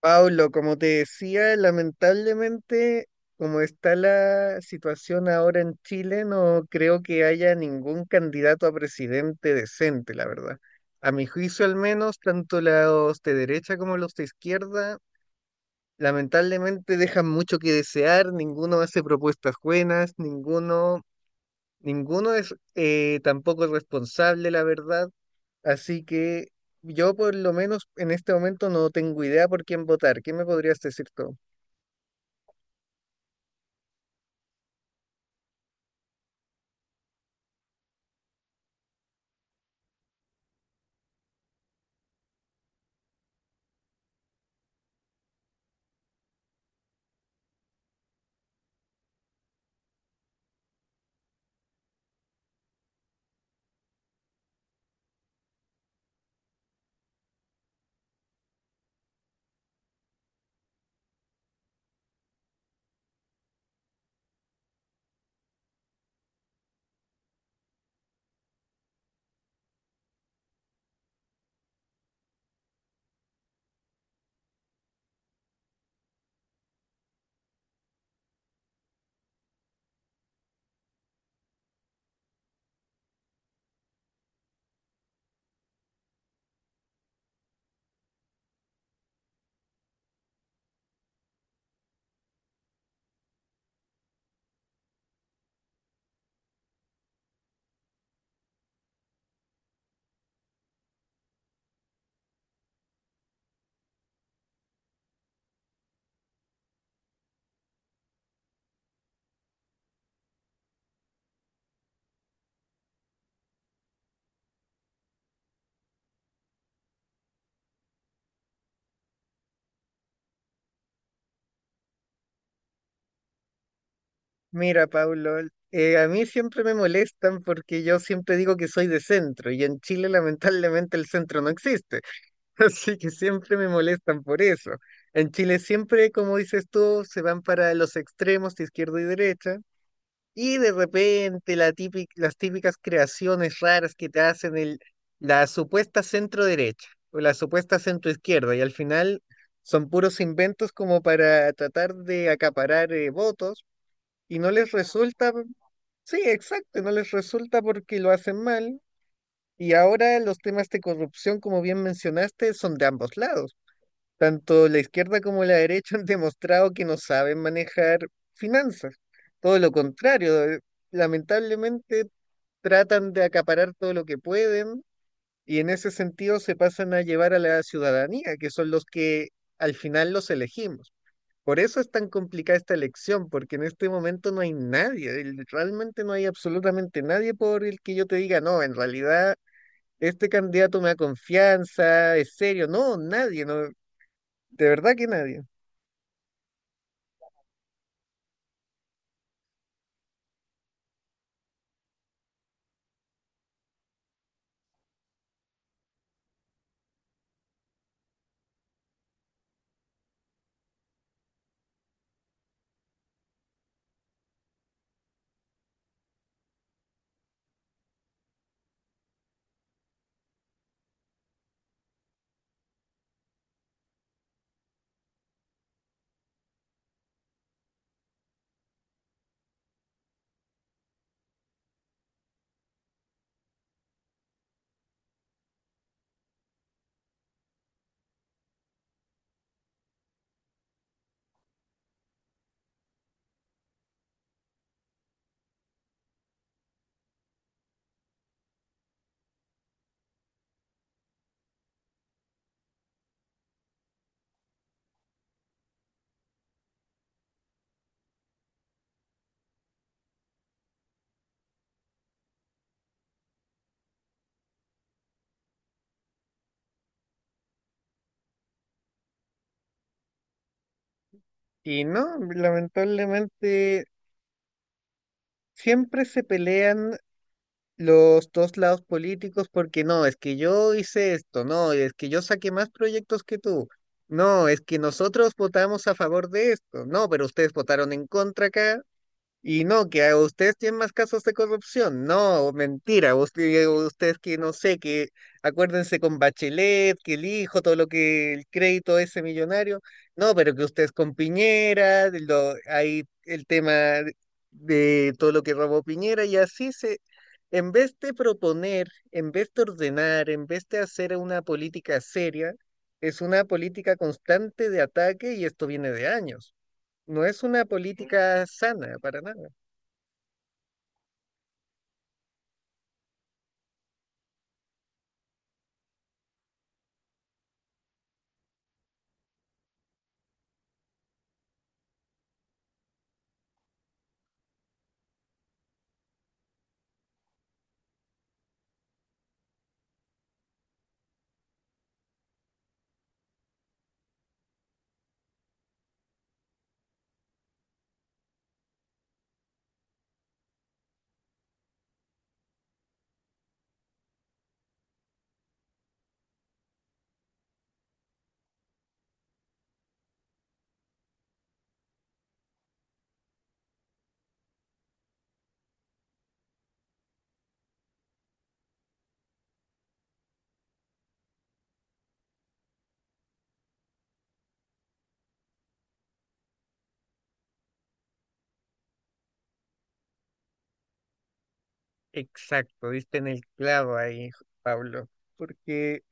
Pablo, como te decía, lamentablemente, como está la situación ahora en Chile, no creo que haya ningún candidato a presidente decente, la verdad. A mi juicio, al menos, tanto los de derecha como los de izquierda, lamentablemente dejan mucho que desear, ninguno hace propuestas buenas, ninguno, ninguno es tampoco responsable, la verdad. Así que yo, por lo menos, en este momento no tengo idea por quién votar. ¿Qué me podrías decir tú? Mira, Paulo, a mí siempre me molestan porque yo siempre digo que soy de centro y en Chile lamentablemente el centro no existe, así que siempre me molestan por eso. En Chile siempre, como dices tú, se van para los extremos de izquierda y derecha y de repente la las típicas creaciones raras que te hacen el, la supuesta centro derecha o la supuesta centro izquierda y al final son puros inventos como para tratar de acaparar votos y no les resulta. Sí, exacto, no les resulta porque lo hacen mal. Y ahora los temas de corrupción, como bien mencionaste, son de ambos lados. Tanto la izquierda como la derecha han demostrado que no saben manejar finanzas. Todo lo contrario, lamentablemente tratan de acaparar todo lo que pueden y en ese sentido se pasan a llevar a la ciudadanía, que son los que al final los elegimos. Por eso es tan complicada esta elección, porque en este momento no hay nadie, realmente no hay absolutamente nadie por el que yo te diga, no, en realidad este candidato me da confianza, es serio, no, nadie, no, de verdad que nadie. Y no, lamentablemente siempre se pelean los dos lados políticos porque no, es que yo hice esto, no, es que yo saqué más proyectos que tú. No, es que nosotros votamos a favor de esto. No, pero ustedes votaron en contra acá. Y no, que a ustedes tienen más casos de corrupción. No, mentira. Ustedes que no sé, que acuérdense con Bachelet, que el hijo, todo lo que el crédito ese millonario. No, pero que ustedes con Piñera, de lo, hay el tema de todo lo que robó Piñera y así se, en vez de proponer, en vez de ordenar, en vez de hacer una política seria, es una política constante de ataque y esto viene de años. No es una política sana para nada. Exacto, diste en el clavo ahí, Pablo, porque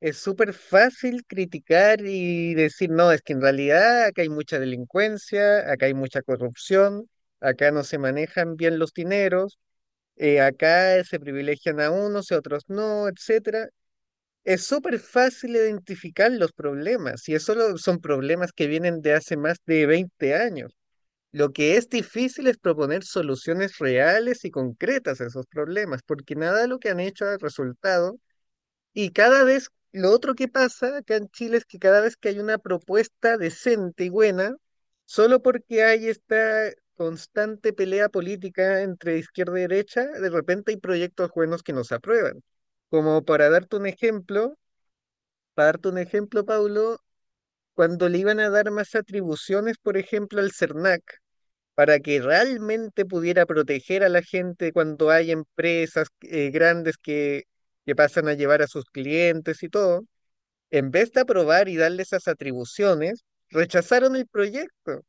es súper fácil criticar y decir, no, es que en realidad acá hay mucha delincuencia, acá hay mucha corrupción, acá no se manejan bien los dineros, acá se privilegian a unos y a otros no, etcétera. Es súper fácil identificar los problemas y eso son problemas que vienen de hace más de 20 años. Lo que es difícil es proponer soluciones reales y concretas a esos problemas, porque nada de lo que han hecho ha resultado. Y cada vez, lo otro que pasa acá en Chile es que cada vez que hay una propuesta decente y buena, solo porque hay esta constante pelea política entre izquierda y derecha, de repente hay proyectos buenos que no se aprueban. Como para darte un ejemplo, para darte un ejemplo, Paulo, cuando le iban a dar más atribuciones, por ejemplo, al CERNAC, para que realmente pudiera proteger a la gente cuando hay empresas grandes que pasan a llevar a sus clientes y todo, en vez de aprobar y darle esas atribuciones, rechazaron el proyecto.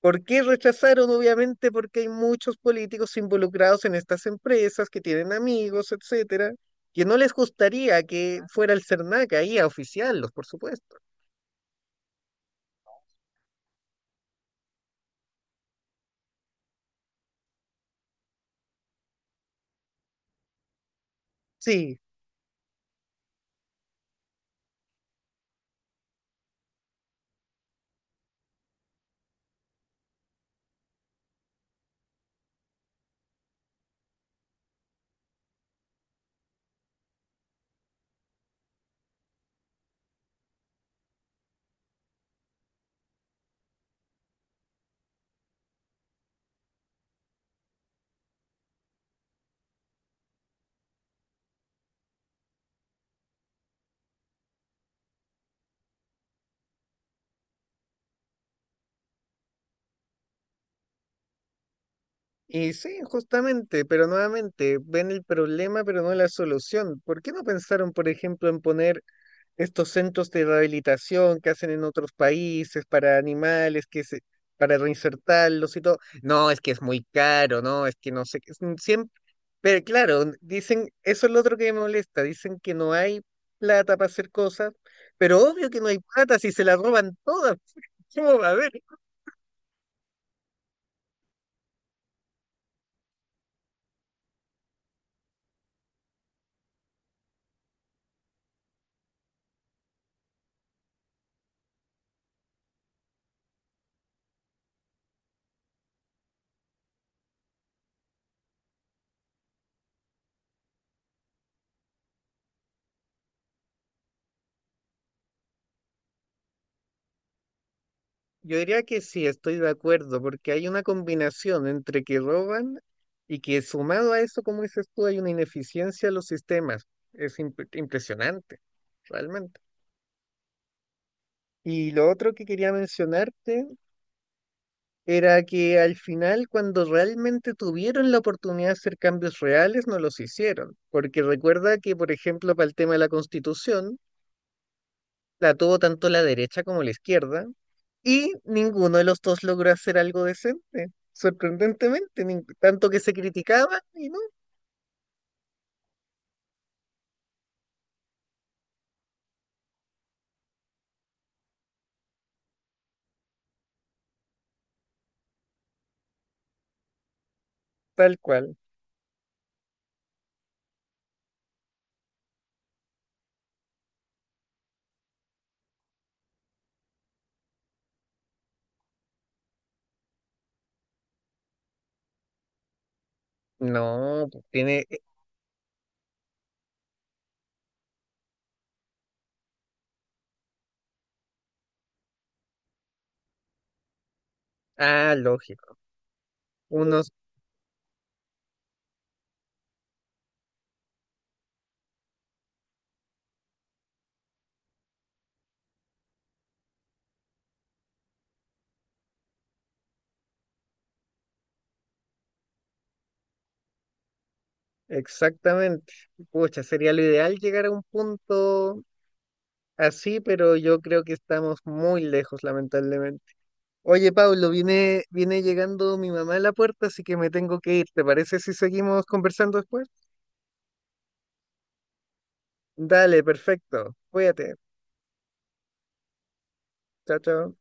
¿Por qué rechazaron? Obviamente porque hay muchos políticos involucrados en estas empresas que tienen amigos, etcétera, que no les gustaría que fuera el CERNAC ahí a oficiarlos, por supuesto. Sí, y sí, justamente, pero nuevamente ven el problema, pero no la solución. ¿Por qué no pensaron, por ejemplo, en poner estos centros de rehabilitación que hacen en otros países para animales, que se, para reinsertarlos y todo? No, es que es muy caro, no, es que no sé, qué, siempre, pero claro, dicen, eso es lo otro que me molesta, dicen que no hay plata para hacer cosas, pero obvio que no hay plata si se la roban todas. ¿Cómo va a haber? Yo diría que sí, estoy de acuerdo, porque hay una combinación entre que roban y que sumado a eso, como dices tú, hay una ineficiencia en los sistemas. Es impresionante, realmente. Y lo otro que quería mencionarte era que al final, cuando realmente tuvieron la oportunidad de hacer cambios reales, no los hicieron. Porque recuerda que, por ejemplo, para el tema de la Constitución, la tuvo tanto la derecha como la izquierda y ninguno de los dos logró hacer algo decente. Sorprendentemente, tanto que se criticaba y no, tal cual. No, pues tiene... ah, lógico. Unos... exactamente. Pucha, sería lo ideal llegar a un punto así, pero yo creo que estamos muy lejos, lamentablemente. Oye, Pablo, viene, viene llegando mi mamá a la puerta, así que me tengo que ir. ¿Te parece si seguimos conversando después? Dale, perfecto. Cuídate. Chao, chao.